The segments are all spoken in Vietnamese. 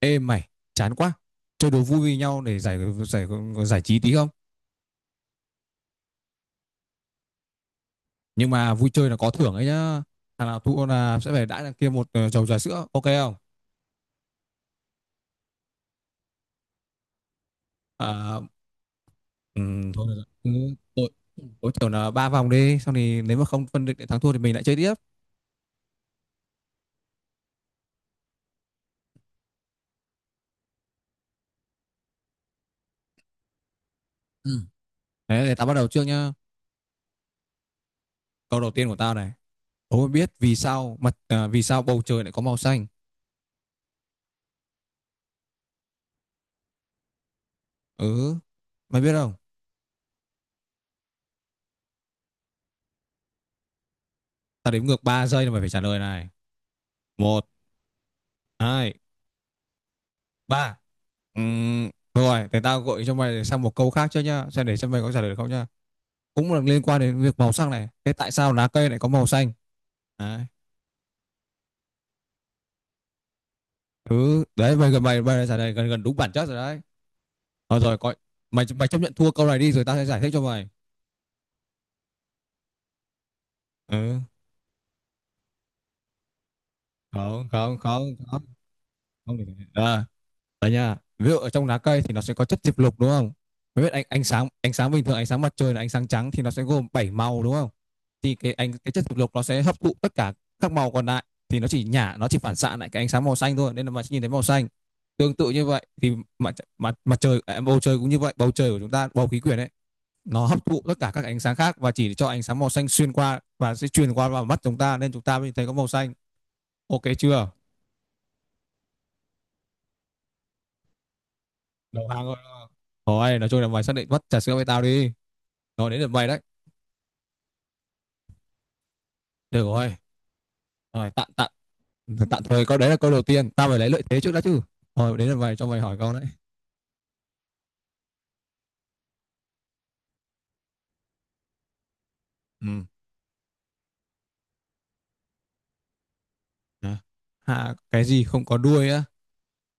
Ê mày, chán quá. Chơi đố vui với nhau để giải giải giải trí tí không? Nhưng mà vui chơi là có thưởng ấy nhá. Thằng nào thua là sẽ phải đãi thằng kia một chầu trà sữa, ok không? À, thôi được rồi. Ừ, tối tối thiểu là 3 vòng đi, xong thì nếu mà không phân định để thắng thua thì mình lại chơi tiếp. Ừ. Đấy, để tao bắt đầu trước nhá. Câu đầu tiên của tao này. Đố mày biết vì sao vì sao bầu trời lại có màu xanh? Ừ, mày biết không? Tao đếm ngược 3 giây là mày phải trả lời này. Một, hai, ba. Rồi, để tao gợi cho mày sang một câu khác chứ nhá, xem để xem mày có trả lời được không nhá. Cũng là liên quan đến việc màu sắc này. Thế tại sao lá cây lại có màu xanh? Đấy. Ừ, đấy mày đã trả lời gần gần đúng bản chất rồi đấy. Thôi rồi, coi mày mày chấp nhận thua câu này đi rồi tao sẽ giải thích cho mày. Ừ, không, không, không, không, không được. À. Đấy nha. Ví dụ ở trong lá cây thì nó sẽ có chất diệp lục đúng không? Mới biết ánh ánh sáng bình thường ánh sáng mặt trời là ánh sáng trắng thì nó sẽ gồm 7 màu đúng không? Thì cái chất diệp lục nó sẽ hấp thụ tất cả các màu còn lại thì nó chỉ phản xạ lại cái ánh sáng màu xanh thôi nên là mà nhìn thấy màu xanh. Tương tự như vậy thì mặt mặt mặt trời à, bầu trời cũng như vậy, bầu trời của chúng ta bầu khí quyển ấy nó hấp thụ tất cả các ánh sáng khác và chỉ cho ánh sáng màu xanh xuyên qua và sẽ truyền qua vào mắt chúng ta nên chúng ta mới thấy có màu xanh. Ok chưa? Đầu hàng rồi. Thôi, nói chung là mày xác định mất trà sữa với tao đi. Rồi đến lượt mày đấy. Được rồi. Rồi tạm tạm tạm thời câu đấy là câu đầu tiên. Tao phải lấy lợi thế trước đã chứ. Rồi đến lượt mày cho mày hỏi câu đấy. Ừ. À, à, cái gì không có đuôi á?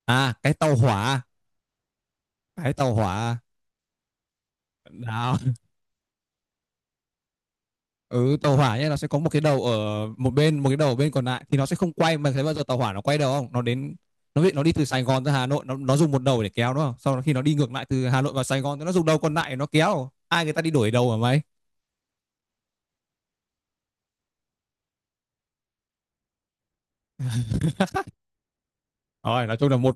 À cái tàu hỏa. Cái tàu hỏa. Nào. Ừ tàu hỏa nhé, nó sẽ có một cái đầu ở một bên, một cái đầu ở bên còn lại thì nó sẽ không quay mà thấy bao giờ tàu hỏa nó quay đầu không? Nó đến nó bị nó đi từ Sài Gòn ra Hà Nội nó dùng một đầu để kéo đúng không? Sau đó khi nó đi ngược lại từ Hà Nội vào Sài Gòn thì nó dùng đầu còn lại để nó kéo. Ai người ta đi đổi đầu hả mày? Rồi nói chung là một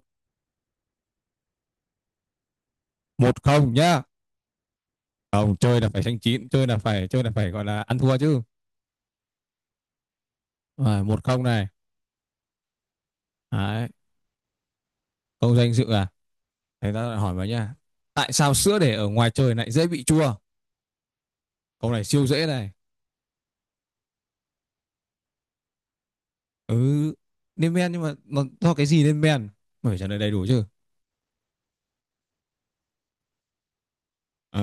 một không nhá. Không, chơi là phải xanh chín, chơi là phải gọi là ăn thua chứ. Rồi, 1-0 này. Đấy, câu danh dự à. Thế ta lại hỏi vào nha. Tại sao sữa để ở ngoài trời lại dễ bị chua? Câu này siêu dễ này. Ừ, lên men nhưng mà nó do cái gì lên men? Mày phải trả lời đầy đủ chứ. Ờ,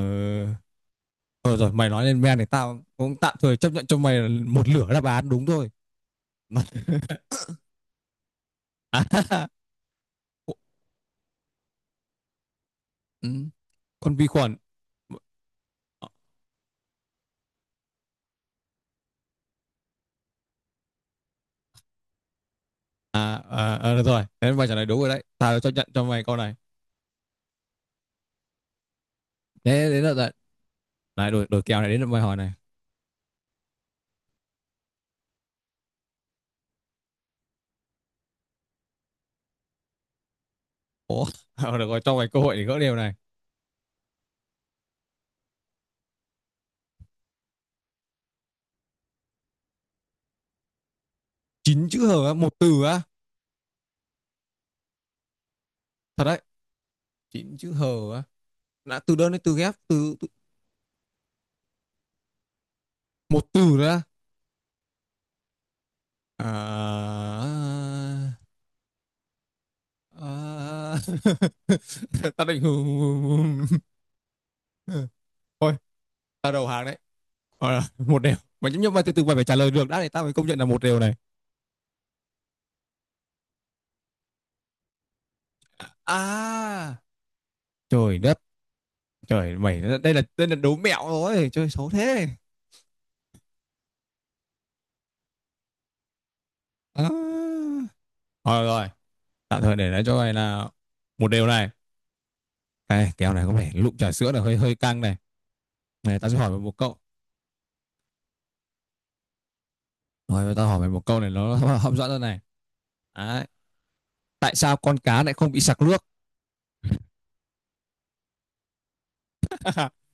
thôi rồi, mày nói lên men thì tao cũng tạm thời chấp nhận cho mày là một lửa đáp án đúng thôi. À, ừ, con vi khuẩn. À, à, à, được rồi, thế mày trả lời đúng rồi đấy. Tao chấp nhận cho mày câu này. Thế đến lượt rồi. Này, đổi kèo này, đến lượt bài hỏi này. Ủa, được rồi, cho mày cơ hội để gỡ đều này. Chín chữ hờ á, một từ á. Thật đấy, chín chữ hờ á. Đã từ đơn đến từ ghép, từ, từ một từ ra. À, à, tao định thôi ta đầu hàng đấy. Ờ, một đều mà nhấp nhấp mày, từ từ mày phải trả lời được đã thì tao mới công nhận là một đều này. À, trời đất, trời mày đây là đố mẹo rồi, chơi xấu thế à. Rồi rồi tạm thời để lại cho mày là một điều này, này kèo này có vẻ lụm trà sữa là hơi hơi căng này. Ta sẽ hỏi mày một câu, rồi ta hỏi mày một câu này nó hấp dẫn hơn này. Đấy. Tại sao con cá lại không bị sặc nước?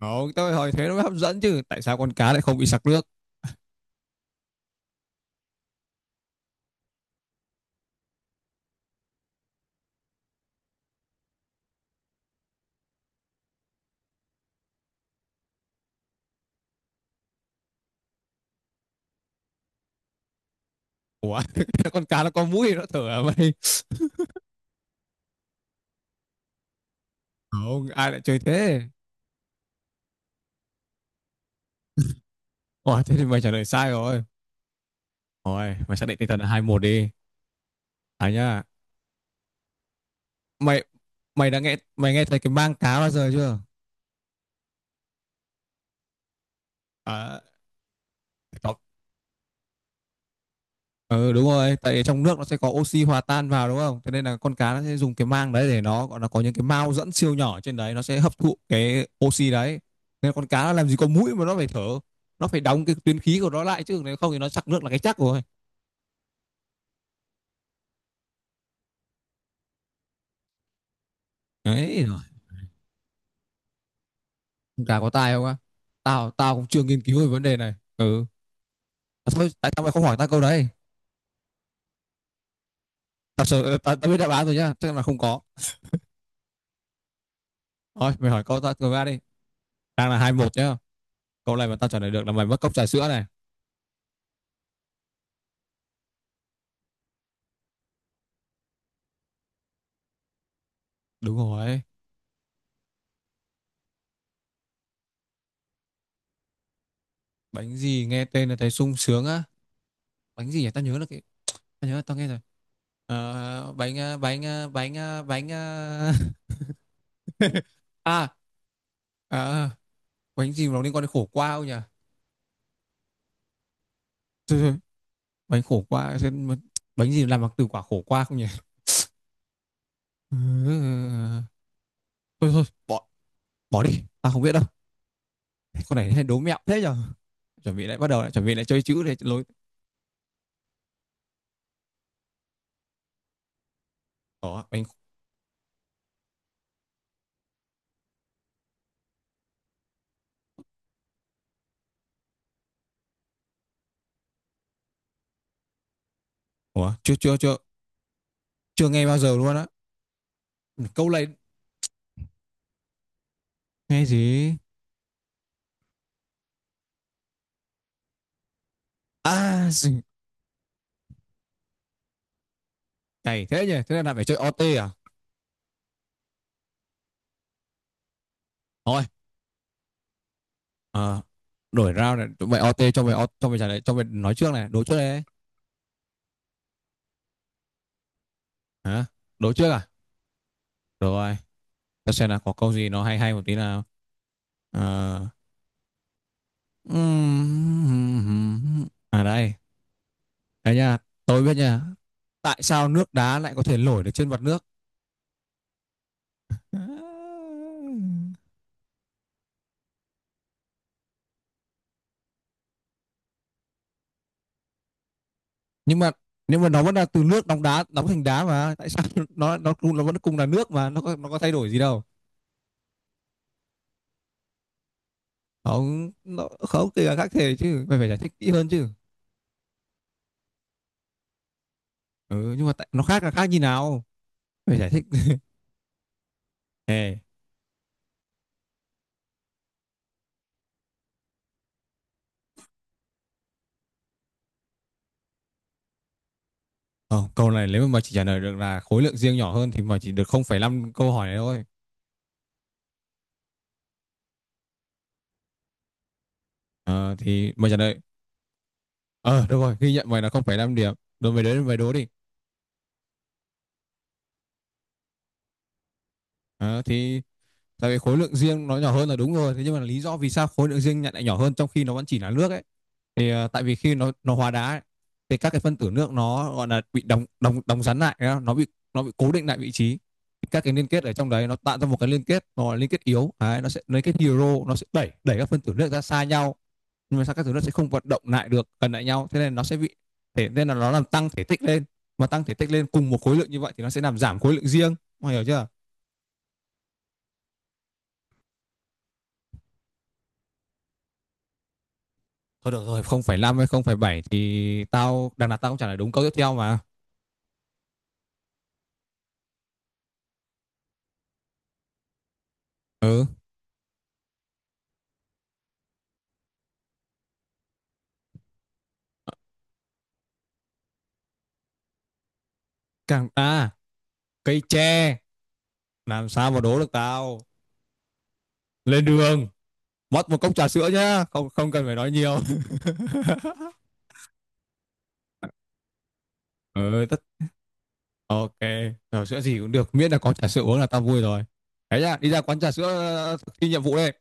Không, tôi hỏi thế nó mới hấp dẫn chứ, tại sao con cá lại không bị sặc nước? Ủa, con cá nó có mũi nó thở à mày? Không ai lại chơi thế. Ủa thế thì mày trả lời sai rồi, rồi mày xác định tinh thần là 2-1 đi. À nhá, mày mày đã nghe, mày nghe thấy cái mang cá bao giờ chưa? À, ừ đúng rồi, tại trong nước nó sẽ có oxy hòa tan vào đúng không? Thế nên là con cá nó sẽ dùng cái mang đấy để nó gọi là có những cái mao dẫn siêu nhỏ trên đấy nó sẽ hấp thụ cái oxy đấy. Nên con cá nó làm gì có mũi mà nó phải thở, nó phải đóng cái tuyến khí của nó lại chứ nếu không thì nó trặc nước là cái chắc rồi. Đấy rồi, con cá có tai không á? Tao tao cũng chưa nghiên cứu về vấn đề này. Ừ. À, thôi, tại sao mày không hỏi tao câu đấy? Tao sợ tao, biết đáp án rồi nhá, chắc là không có. Thôi, mày hỏi câu tao câu ra đi. Đang là 2-1 nhá. Câu này mà tao trả lời được là mày mất cốc trà sữa này. Đúng rồi. Bánh gì nghe tên là thấy sung sướng á? Bánh gì nhỉ, tao nhớ là cái, tao nhớ là tao nghe rồi. Ờ, bánh à, à, bánh gì mà nó liên quan đến khổ qua không nhỉ? Thôi, thôi, bánh khổ qua xem mà- bánh gì làm bằng từ quả khổ qua không nhỉ? Ừ, ừ, ừ, ừ. Thôi thôi bỏ, bỏ đi tao không biết đâu. Con này hay đố mẹo thế nhở, chuẩn bị lại bắt đầu lại chuẩn bị lại chơi chữ để lối. Đó bánh. Ủa, chưa chưa nghe bao giờ luôn á. Câu này nghe gì? À gì? Cày thế nhỉ, thế là lại phải chơi OT à? Thôi, ờ, đổi round này, tụi mày OT cho mày, cho mày trả lời, cho mày nói trước này, đố trước đây. Hả? Đố trước à? Được rồi, ta xem là có câu gì nó hay hay một tí nào. Ờ, à đây, đây nha, tôi biết nha. Tại sao nước đá lại có thể nổi được trên mặt nước? Nhưng mà nhưng mà nó vẫn là từ nước đóng đá, đóng thành đá mà tại sao nó cũng- nó vẫn cùng là nước mà nó có thay đổi gì đâu? Không nó không thì là khác thể chứ mày phải giải thích kỹ hơn chứ. Ừ, nhưng mà tại, nó khác là khác như nào, mày giải thích. Ê, ờ, câu này nếu mà mày chỉ trả lời được là khối lượng riêng nhỏ hơn thì mày chỉ được 0,5 câu hỏi này thôi. Ờ, thì mày trả lời. Ờ được rồi, ghi nhận mày là 0,5 điểm. Rồi mày đến mày đố đi. Ờ, thì tại vì khối lượng riêng nó nhỏ hơn là đúng rồi, thế nhưng mà lý do vì sao khối lượng riêng lại nhỏ hơn trong khi nó vẫn chỉ là nước ấy, thì ờ, tại vì khi nó hóa đá ấy, thì các cái phân tử nước nó gọi là bị đóng đóng đóng rắn lại, nó bị, nó bị cố định lại vị trí, các cái liên kết ở trong đấy nó tạo ra một cái liên kết, nó là liên kết yếu đấy, nó sẽ liên kết hydro, nó sẽ đẩy đẩy các phân tử nước ra xa nhau, nhưng mà sao các thứ nó sẽ không vận động lại được gần lại nhau, thế nên nó sẽ bị, thể nên là nó làm tăng thể tích lên, mà tăng thể tích lên cùng một khối lượng như vậy thì nó sẽ làm giảm khối lượng riêng. Mọi người hiểu chưa? Thôi được rồi, không phẩy năm hay không phẩy bảy thì tao đằng nào tao cũng trả lời đúng câu tiếp theo mà. Ừ, càng à, cây tre, làm sao mà đố được tao. Lên đường, mất một cốc trà sữa nhá, không không cần phải nói nhiều. Ừ, tất ok, trà sữa gì cũng được, miễn là có trà sữa uống là tao vui rồi. Đấy nhá, đi ra quán trà sữa, ờ, thực thi nhiệm vụ đây.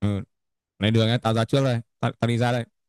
Ừ, lên đường nhá, tao ra trước đây, tao đi ra đây.